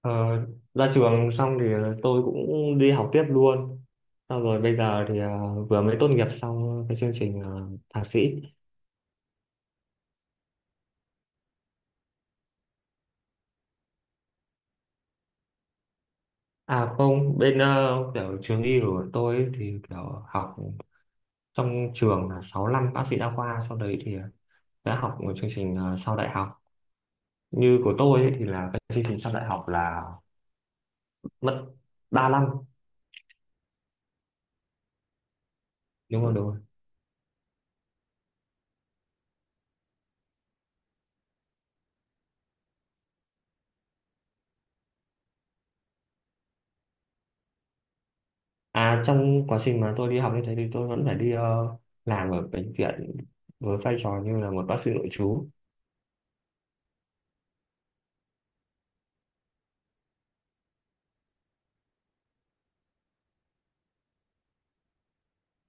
Ờ, Ra trường xong thì tôi cũng đi học tiếp luôn. Xong rồi bây giờ thì vừa mới tốt nghiệp xong cái chương trình thạc sĩ. À không, bên kiểu trường y của tôi ấy thì kiểu học trong trường là 6 năm bác sĩ đa khoa. Sau đấy thì đã học một chương trình sau đại học. Như của tôi ấy, thì là cái chương trình sau đại học là mất 3 năm. Đúng rồi, đúng rồi. À, trong quá trình mà tôi đi học như thế thì tôi vẫn phải đi làm ở bệnh viện với vai trò như là một bác sĩ nội trú.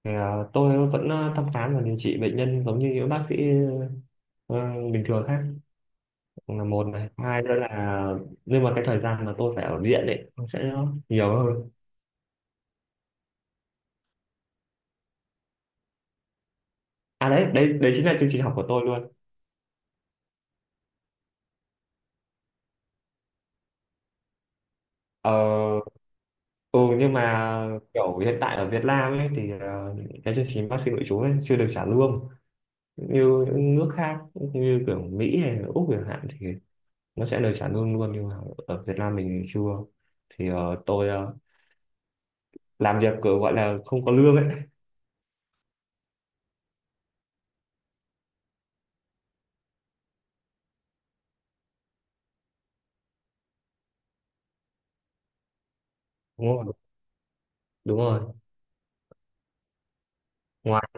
Thì, tôi vẫn thăm khám và điều trị bệnh nhân giống như những bác sĩ ờ, bình thường khác, là một này. Hai nữa là, nhưng mà cái thời gian mà tôi phải ở viện ấy nó sẽ nhiều hơn. À đấy, đấy chính là chương trình học của tôi luôn. Ờ, ừ, nhưng mà kiểu hiện tại ở Việt Nam ấy thì cái chương trình bác sĩ nội trú ấy chưa được trả lương như những nước khác như kiểu Mỹ hay là Úc chẳng hạn, thì nó sẽ lời trả lương luôn, nhưng mà ở Việt Nam mình chưa. Thì tôi làm việc kiểu gọi là không có lương ấy. Đúng rồi, đúng rồi. Ngoài,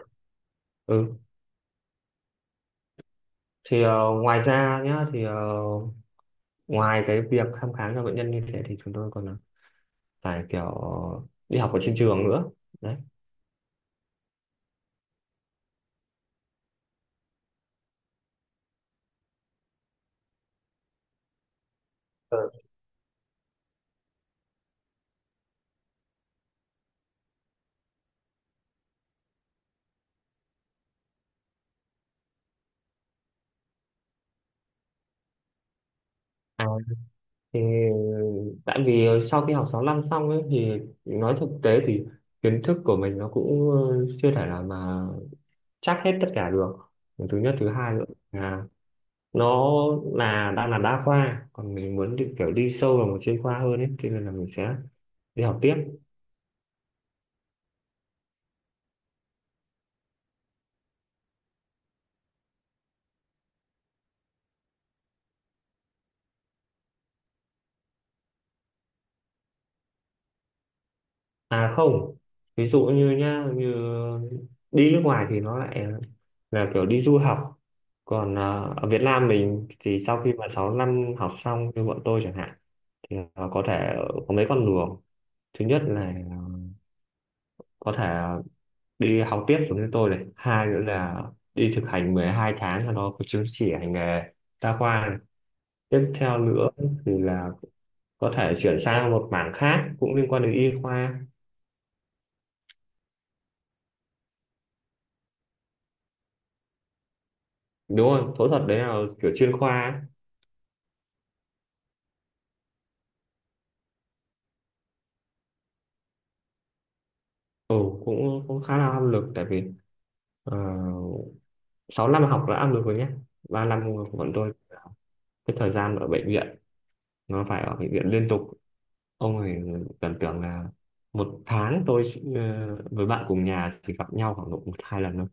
ừ, thì ngoài ra nhá, thì ngoài cái việc thăm khám cho bệnh nhân như thế thì chúng tôi còn phải kiểu đi học ở trên trường nữa, đấy. Ừ. À, thì tại vì sau khi học 6 năm xong ấy thì nói thực tế thì kiến thức của mình nó cũng chưa thể nào mà chắc hết tất cả được. Thứ nhất, thứ hai nữa là nó là đang là đa khoa, còn mình muốn đi kiểu đi sâu vào một chuyên khoa hơn ấy, cho nên là mình sẽ đi học tiếp. À không, ví dụ như nhá, như đi nước ngoài thì nó lại là kiểu đi du học, còn à, ở Việt Nam mình thì sau khi mà 6 năm học xong như bọn tôi chẳng hạn thì à, có thể có mấy con đường. Thứ nhất là có thể đi học tiếp giống như tôi này, hai nữa là đi thực hành 12 tháng cho nó có chứng chỉ hành nghề đa khoa này. Tiếp theo nữa thì là có thể chuyển sang một mảng khác cũng liên quan đến y khoa. Đúng rồi, phẫu thuật đấy là kiểu chuyên khoa ấy. Ừ, cũng cũng khá là áp lực, tại vì uh, 6 năm học là áp lực rồi nhé, 3 năm của bọn tôi cái thời gian ở bệnh viện nó phải ở bệnh viện liên tục. Ông ấy tưởng tượng là một tháng tôi chỉ- với bạn cùng nhà chỉ gặp nhau khoảng độ một hai lần thôi.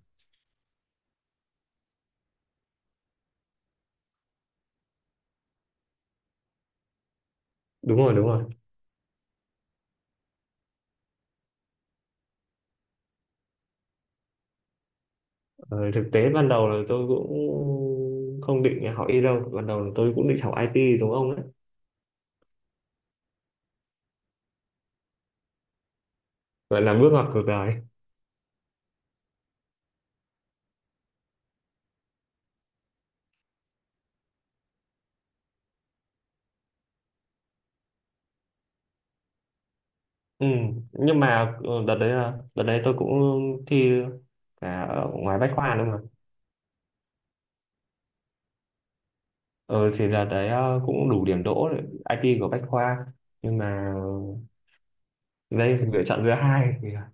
Đúng rồi, đúng rồi. Ờ, thực tế ban đầu là tôi cũng không định học y đâu, ban đầu là tôi cũng định học IT đúng ông đấy. Vậy là bước ngoặt cuộc đời. Ừ. Nhưng mà đợt đấy, đợt đấy tôi cũng thi cả ở ngoài bách khoa đúng không. Ừ, thì đợt đấy cũng đủ điểm đỗ để IT của bách khoa, nhưng mà đây lựa chọn thứ hai, thì là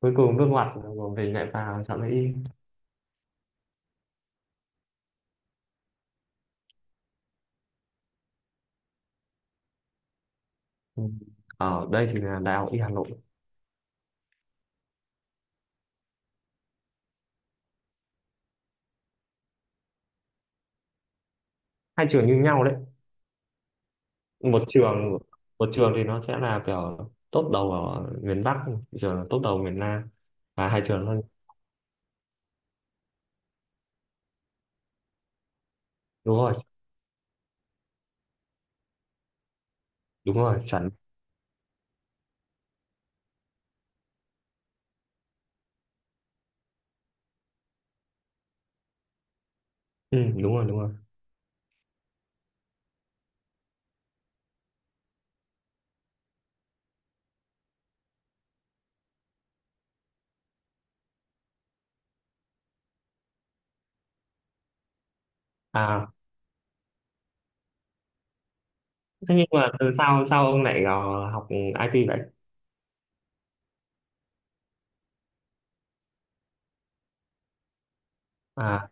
cuối cùng nước ngoặt của mình lại vào chọn lấy y. Ừ. Ở đây thì là đại học y Hà Nội. Hai trường như nhau đấy. Một trường một trường thì nó sẽ là kiểu top đầu ở miền Bắc, một trường là top đầu miền Nam, và hai trường thôi. Đúng rồi, đúng rồi, chuẩn. Ừ, đúng rồi, đúng rồi. À, thế nhưng mà từ sao sao ông lại vào học IT vậy? À,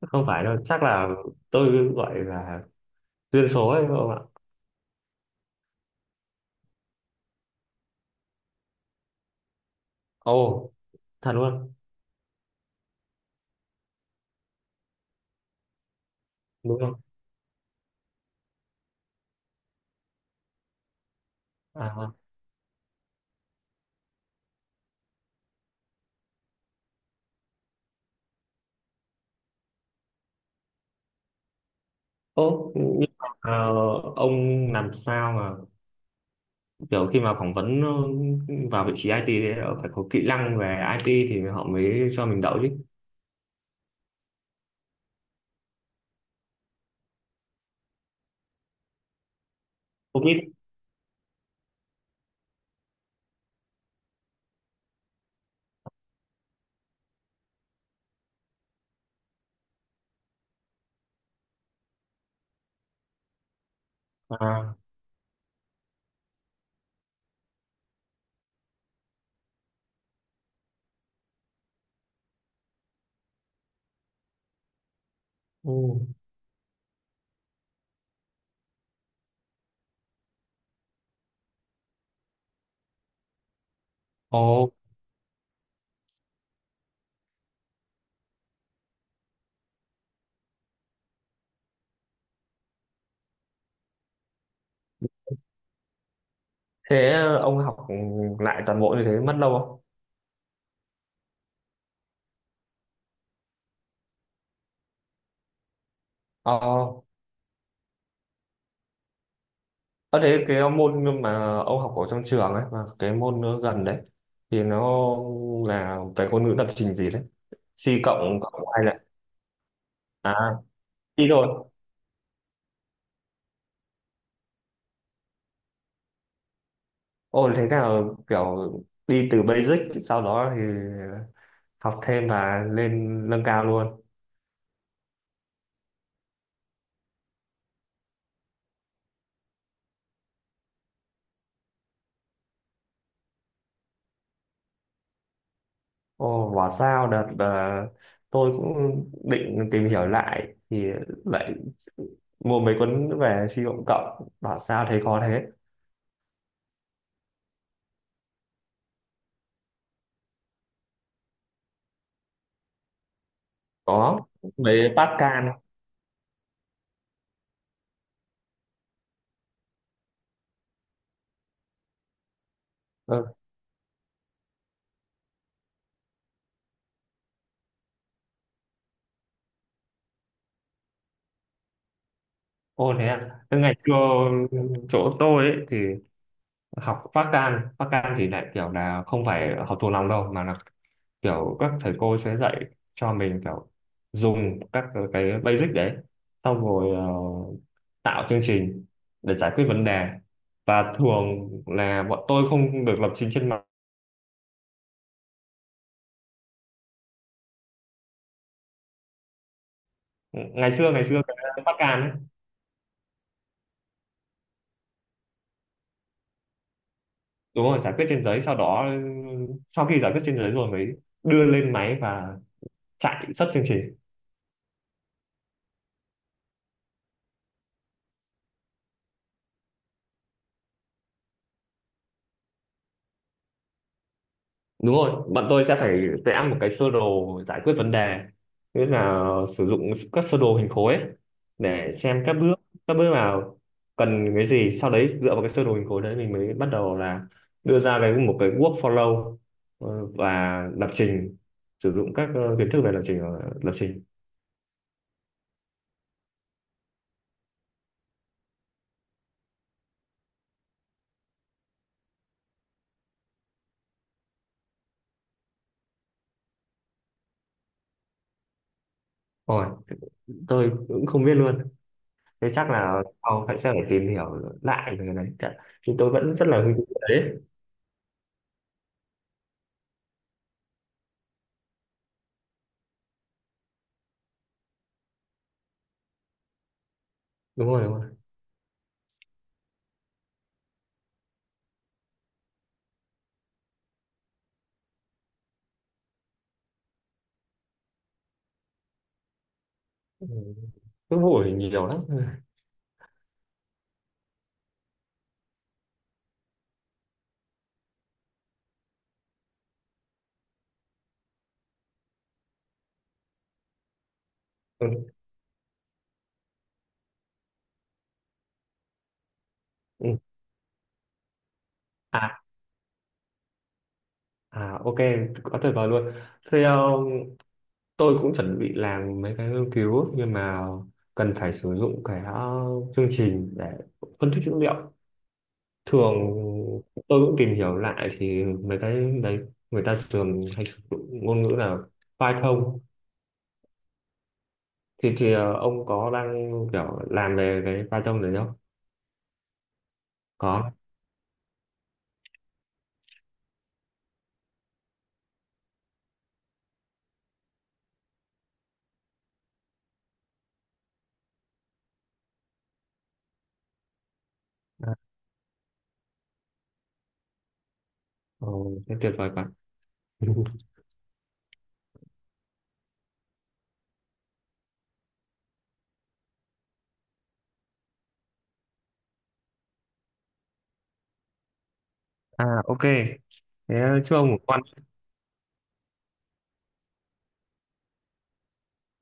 không phải đâu, chắc là tôi gọi là duyên số ấy không ạ. Ồ, thật luôn, đúng không? À, ố, nhưng mà ông làm sao mà kiểu khi mà phỏng vấn vào vị trí IT thì phải có kỹ năng về IT thì họ mới cho mình đậu chứ. Không biết. À, ừ. Ồ, thế ông học lại toàn bộ như thế mất lâu không? Ờ, ở thế cái môn mà ông học ở trong trường ấy, và cái môn nó gần đấy, thì nó là cái ngôn ngữ lập trình gì đấy? C cộng cộng hai lại. À, C rồi. Ồ, thế nào, kiểu đi từ basic sau đó thì học thêm và lên nâng cao luôn. Ồ, bảo sao đợt tôi cũng định tìm hiểu lại thì lại mua mấy cuốn về suy luận cộng, bảo sao thấy khó thế. Có mấy Pascal. Ừ. Ồ, thế à. Thế ngày xưa chỗ tôi ấy, thì học Pascal, Pascal thì lại kiểu là không phải học thuộc lòng đâu mà là kiểu các thầy cô sẽ dạy cho mình kiểu dùng các cái basic đấy, xong rồi tạo chương trình để giải quyết vấn đề, và thường là bọn tôi không được lập trình trên mặt. Ngày xưa cái Bắc Can ấy. Đúng rồi, giải quyết trên giấy, sau đó sau khi giải quyết trên giấy rồi mới đưa lên máy và chạy xuất chương trình. Đúng rồi, bọn tôi sẽ phải vẽ một cái sơ đồ giải quyết vấn đề, tức là sử dụng các sơ đồ hình khối ấy, để xem các bước, các bước nào cần cái gì, sau đấy dựa vào cái sơ đồ hình khối đấy mình mới bắt đầu là đưa ra cái một cái workflow, và lập trình sử dụng các kiến thức về lập trình lập trình rồi. Tôi cũng không biết luôn. Thế chắc là sau phải sẽ phải tìm hiểu lại về cái này. Chắc- nhưng tôi vẫn rất là hứng thú với đấy. Đúng rồi, đúng rồi. Ừ, cứ hỏi nhiều lắm. Ừ. Ừ. À, à ok, quá tuyệt vời luôn. Theo tôi cũng chuẩn bị làm mấy cái nghiên cứu nhưng mà cần phải sử dụng cái chương trình để phân tích dữ liệu. Thường tôi cũng tìm hiểu lại thì mấy cái đấy người ta thường hay sử dụng ngôn ngữ là Python. Thì ông có đang kiểu làm về cái Python đấy không? Có. À, ồ, thế tuyệt vời quá. À, ok, thế chứ ông